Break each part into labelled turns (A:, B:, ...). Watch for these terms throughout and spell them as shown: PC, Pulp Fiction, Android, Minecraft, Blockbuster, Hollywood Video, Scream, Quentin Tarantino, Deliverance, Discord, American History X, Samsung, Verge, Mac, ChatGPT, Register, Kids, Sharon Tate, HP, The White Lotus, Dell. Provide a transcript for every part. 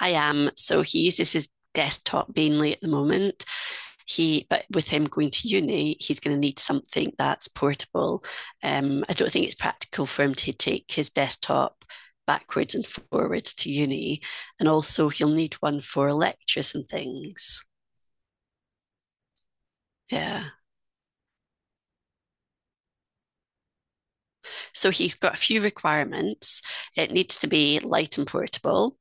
A: I am. So he uses his desktop mainly at the moment. But with him going to uni, he's going to need something that's portable. I don't think it's practical for him to take his desktop backwards and forwards to uni, and also he'll need one for lectures and things. Yeah. So he's got a few requirements. It needs to be light and portable.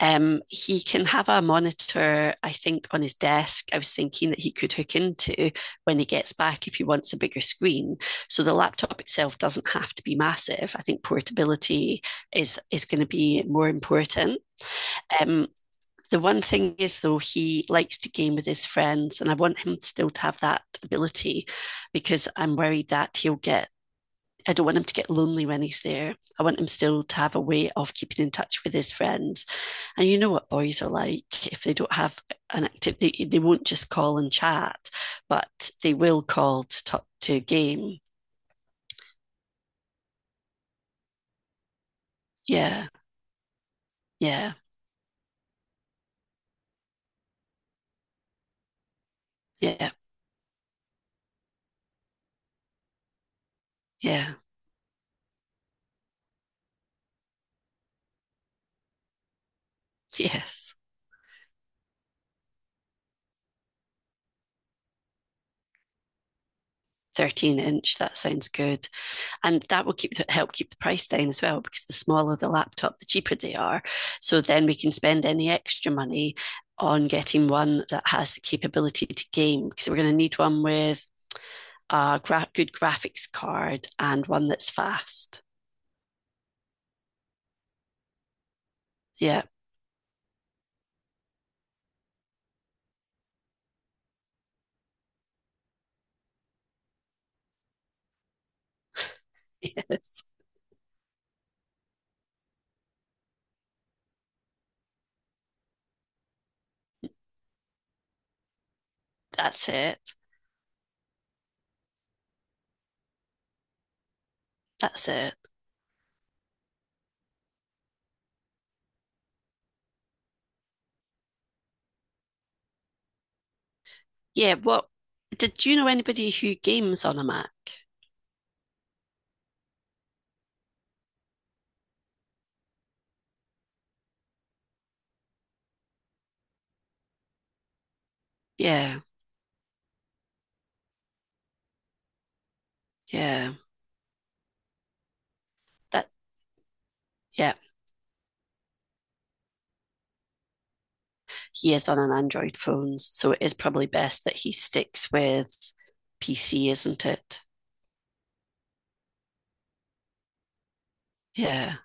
A: He can have a monitor, I think, on his desk. I was thinking that he could hook into when he gets back if he wants a bigger screen. So the laptop itself doesn't have to be massive. I think portability is going to be more important. Um, the one thing is though he likes to game with his friends and I want him still to have that ability because I'm worried that he'll get. I don't want him to get lonely when he's there. I want him still to have a way of keeping in touch with his friends. And you know what boys are like. If they don't have an activity, they won't just call and chat, but they will call to talk to a game. Yeah, yeah, yeah, yeah, yes. 13 inch, that sounds good. And that will keep the, help keep the price down as well because the smaller the laptop, the cheaper they are. So then we can spend any extra money on getting one that has the capability to game because we're going to need one with a good graphics card and one that's fast. Yeah, yes, that's it. That's it. Yeah. What did you know anybody who games on a Mac? Yeah, yeah. That yeah. He is on an Android phone, so it is probably best that he sticks with PC, isn't it? Yeah.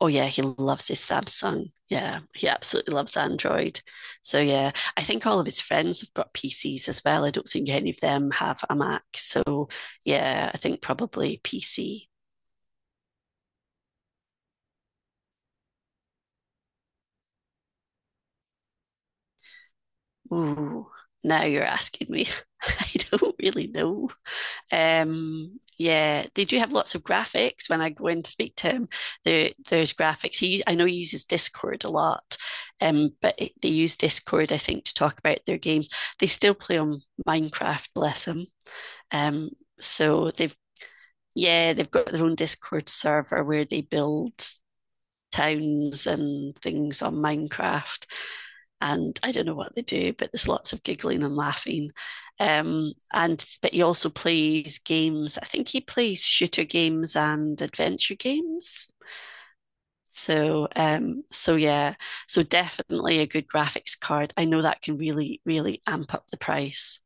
A: Oh, yeah. He loves his Samsung. Yeah. He absolutely loves Android. So, yeah, I think all of his friends have got PCs as well. I don't think any of them have a Mac. So, yeah, I think probably PC. Ooh, now you're asking me. I don't really know. Yeah, they do have lots of graphics. When I go in to speak to him, there's graphics. I know he uses Discord a lot, but they use Discord, I think, to talk about their games. They still play on Minecraft, bless them. Um, so they've yeah, they've got their own Discord server where they build towns and things on Minecraft and I don't know what they do, but there's lots of giggling and laughing. And but he also plays games. I think he plays shooter games and adventure games. So yeah, so definitely a good graphics card. I know that can really really amp up the price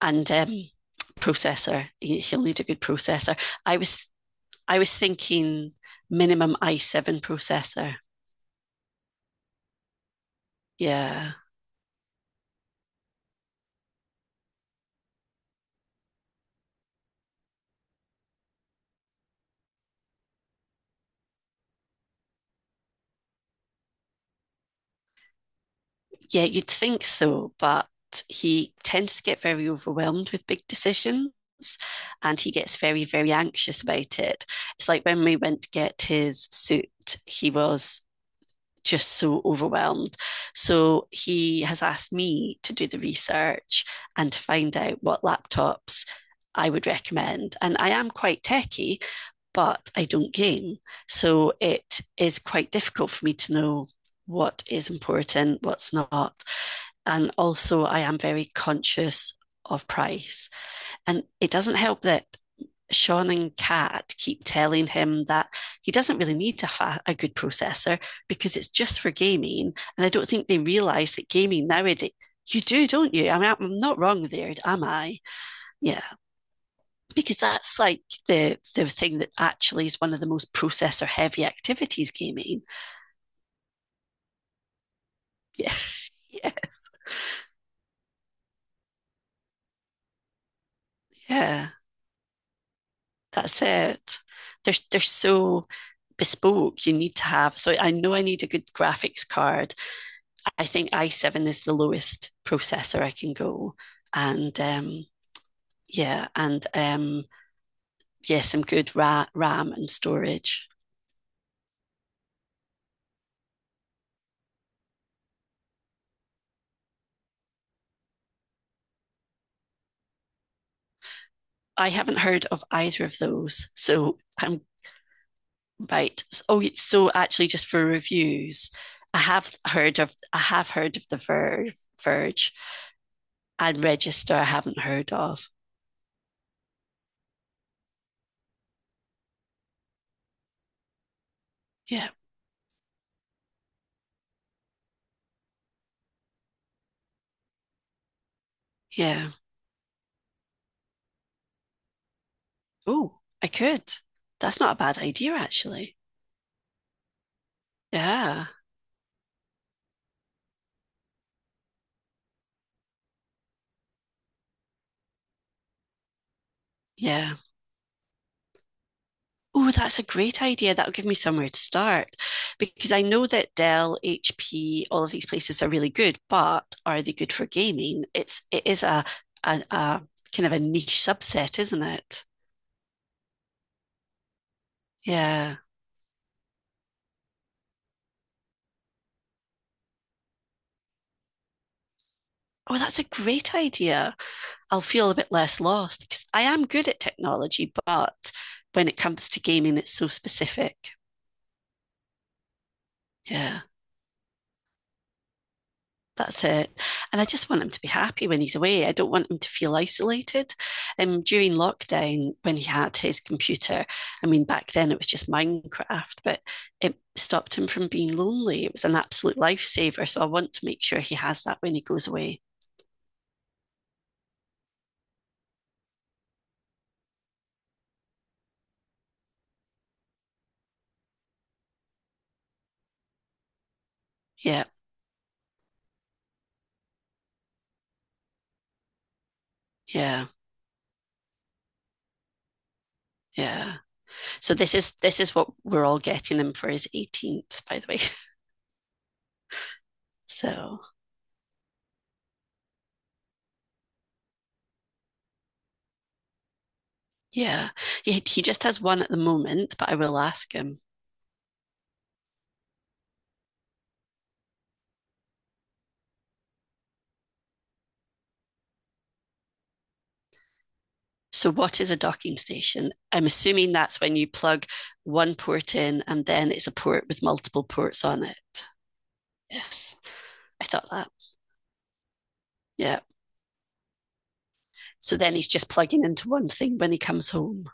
A: and processor. He'll need a good processor. I was I was thinking minimum i7 processor. Yeah. Yeah, you'd think so, but he tends to get very overwhelmed with big decisions and he gets very, very anxious about it. It's like when we went to get his suit, he was just so overwhelmed. So he has asked me to do the research and to find out what laptops I would recommend. And I am quite techie, but I don't game. So it is quite difficult for me to know what is important, what's not. And also, I am very conscious of price. And it doesn't help that Sean and Kat keep telling him that he doesn't really need a, a good processor because it's just for gaming. And I don't think they realize that gaming nowadays, you do, don't you? I mean, I'm not wrong there, am I? Yeah, because that's like the thing that actually is one of the most processor heavy activities, gaming. Yeah, yes, yeah. That's it. They're so bespoke. You need to have. So I know I need a good graphics card. I think i7 is the lowest processor I can go, and yeah, and yeah, some good RAM and storage. I haven't heard of either of those, so I'm right. Oh, so actually, just for reviews, I have heard of the Verge and Register. I haven't heard of. Yeah, yeah. Oh, I could. That's not a bad idea, actually. Yeah, yeah. Oh, that's a great idea. That'll give me somewhere to start because I know that Dell, HP, all of these places are really good, but are they good for gaming? It's it is a a kind of a niche subset, isn't it? Yeah. Oh, that's a great idea. I'll feel a bit less lost because I am good at technology, but when it comes to gaming, it's so specific. Yeah. That's it. And I just want him to be happy when he's away. I don't want him to feel isolated. During lockdown, when he had his computer, I mean, back then it was just Minecraft, but it stopped him from being lonely. It was an absolute lifesaver. So I want to make sure he has that when he goes away. Yeah, yeah, yeah. So this is what we're all getting him for his 18th, by the way. So yeah, he just has one at the moment, but I will ask him. So, what is a docking station? I'm assuming that's when you plug one port in and then it's a port with multiple ports on it. Yes, I thought that. Yeah. So then he's just plugging into one thing when he comes home.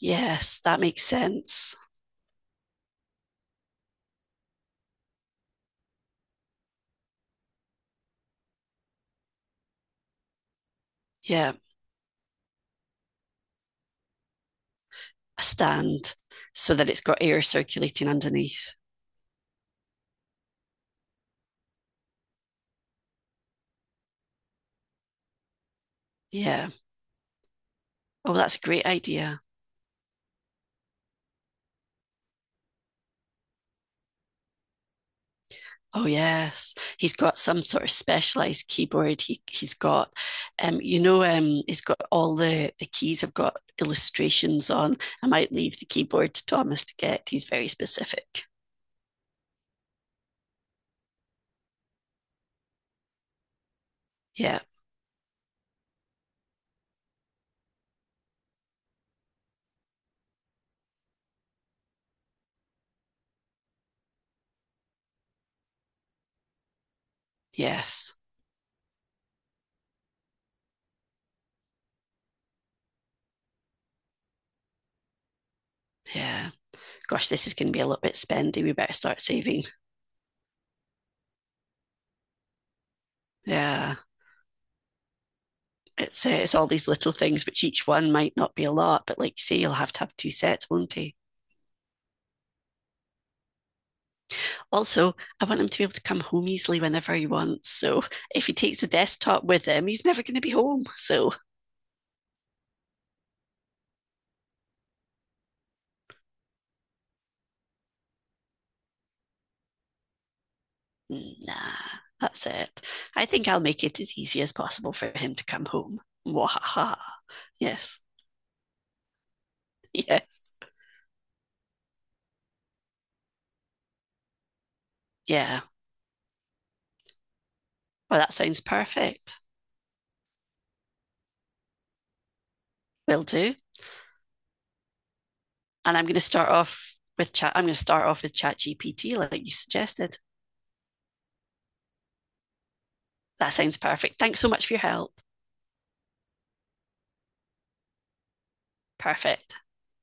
A: Yes, that makes sense. Yeah. A stand so that it's got air circulating underneath. Yeah. Oh, that's a great idea. Oh yes, he's got some sort of specialized keyboard. You know, he's got all the keys have got illustrations on. I might leave the keyboard to Thomas to get. He's very specific. Yeah. Yes. Yeah. Gosh, this is going to be a little bit spendy. We better start saving. Yeah. It's all these little things, which each one might not be a lot, but like you say, you'll have to have two sets, won't you? Also, I want him to be able to come home easily whenever he wants. So if he takes the desktop with him, he's never going to be home. So, nah, that's it. I think I'll make it as easy as possible for him to come home. Wahaha. Yes, yes, yeah. Well, that sounds perfect. Will do. And I'm going to start off with ChatGPT, like you suggested. That sounds perfect. Thanks so much for your help. Perfect.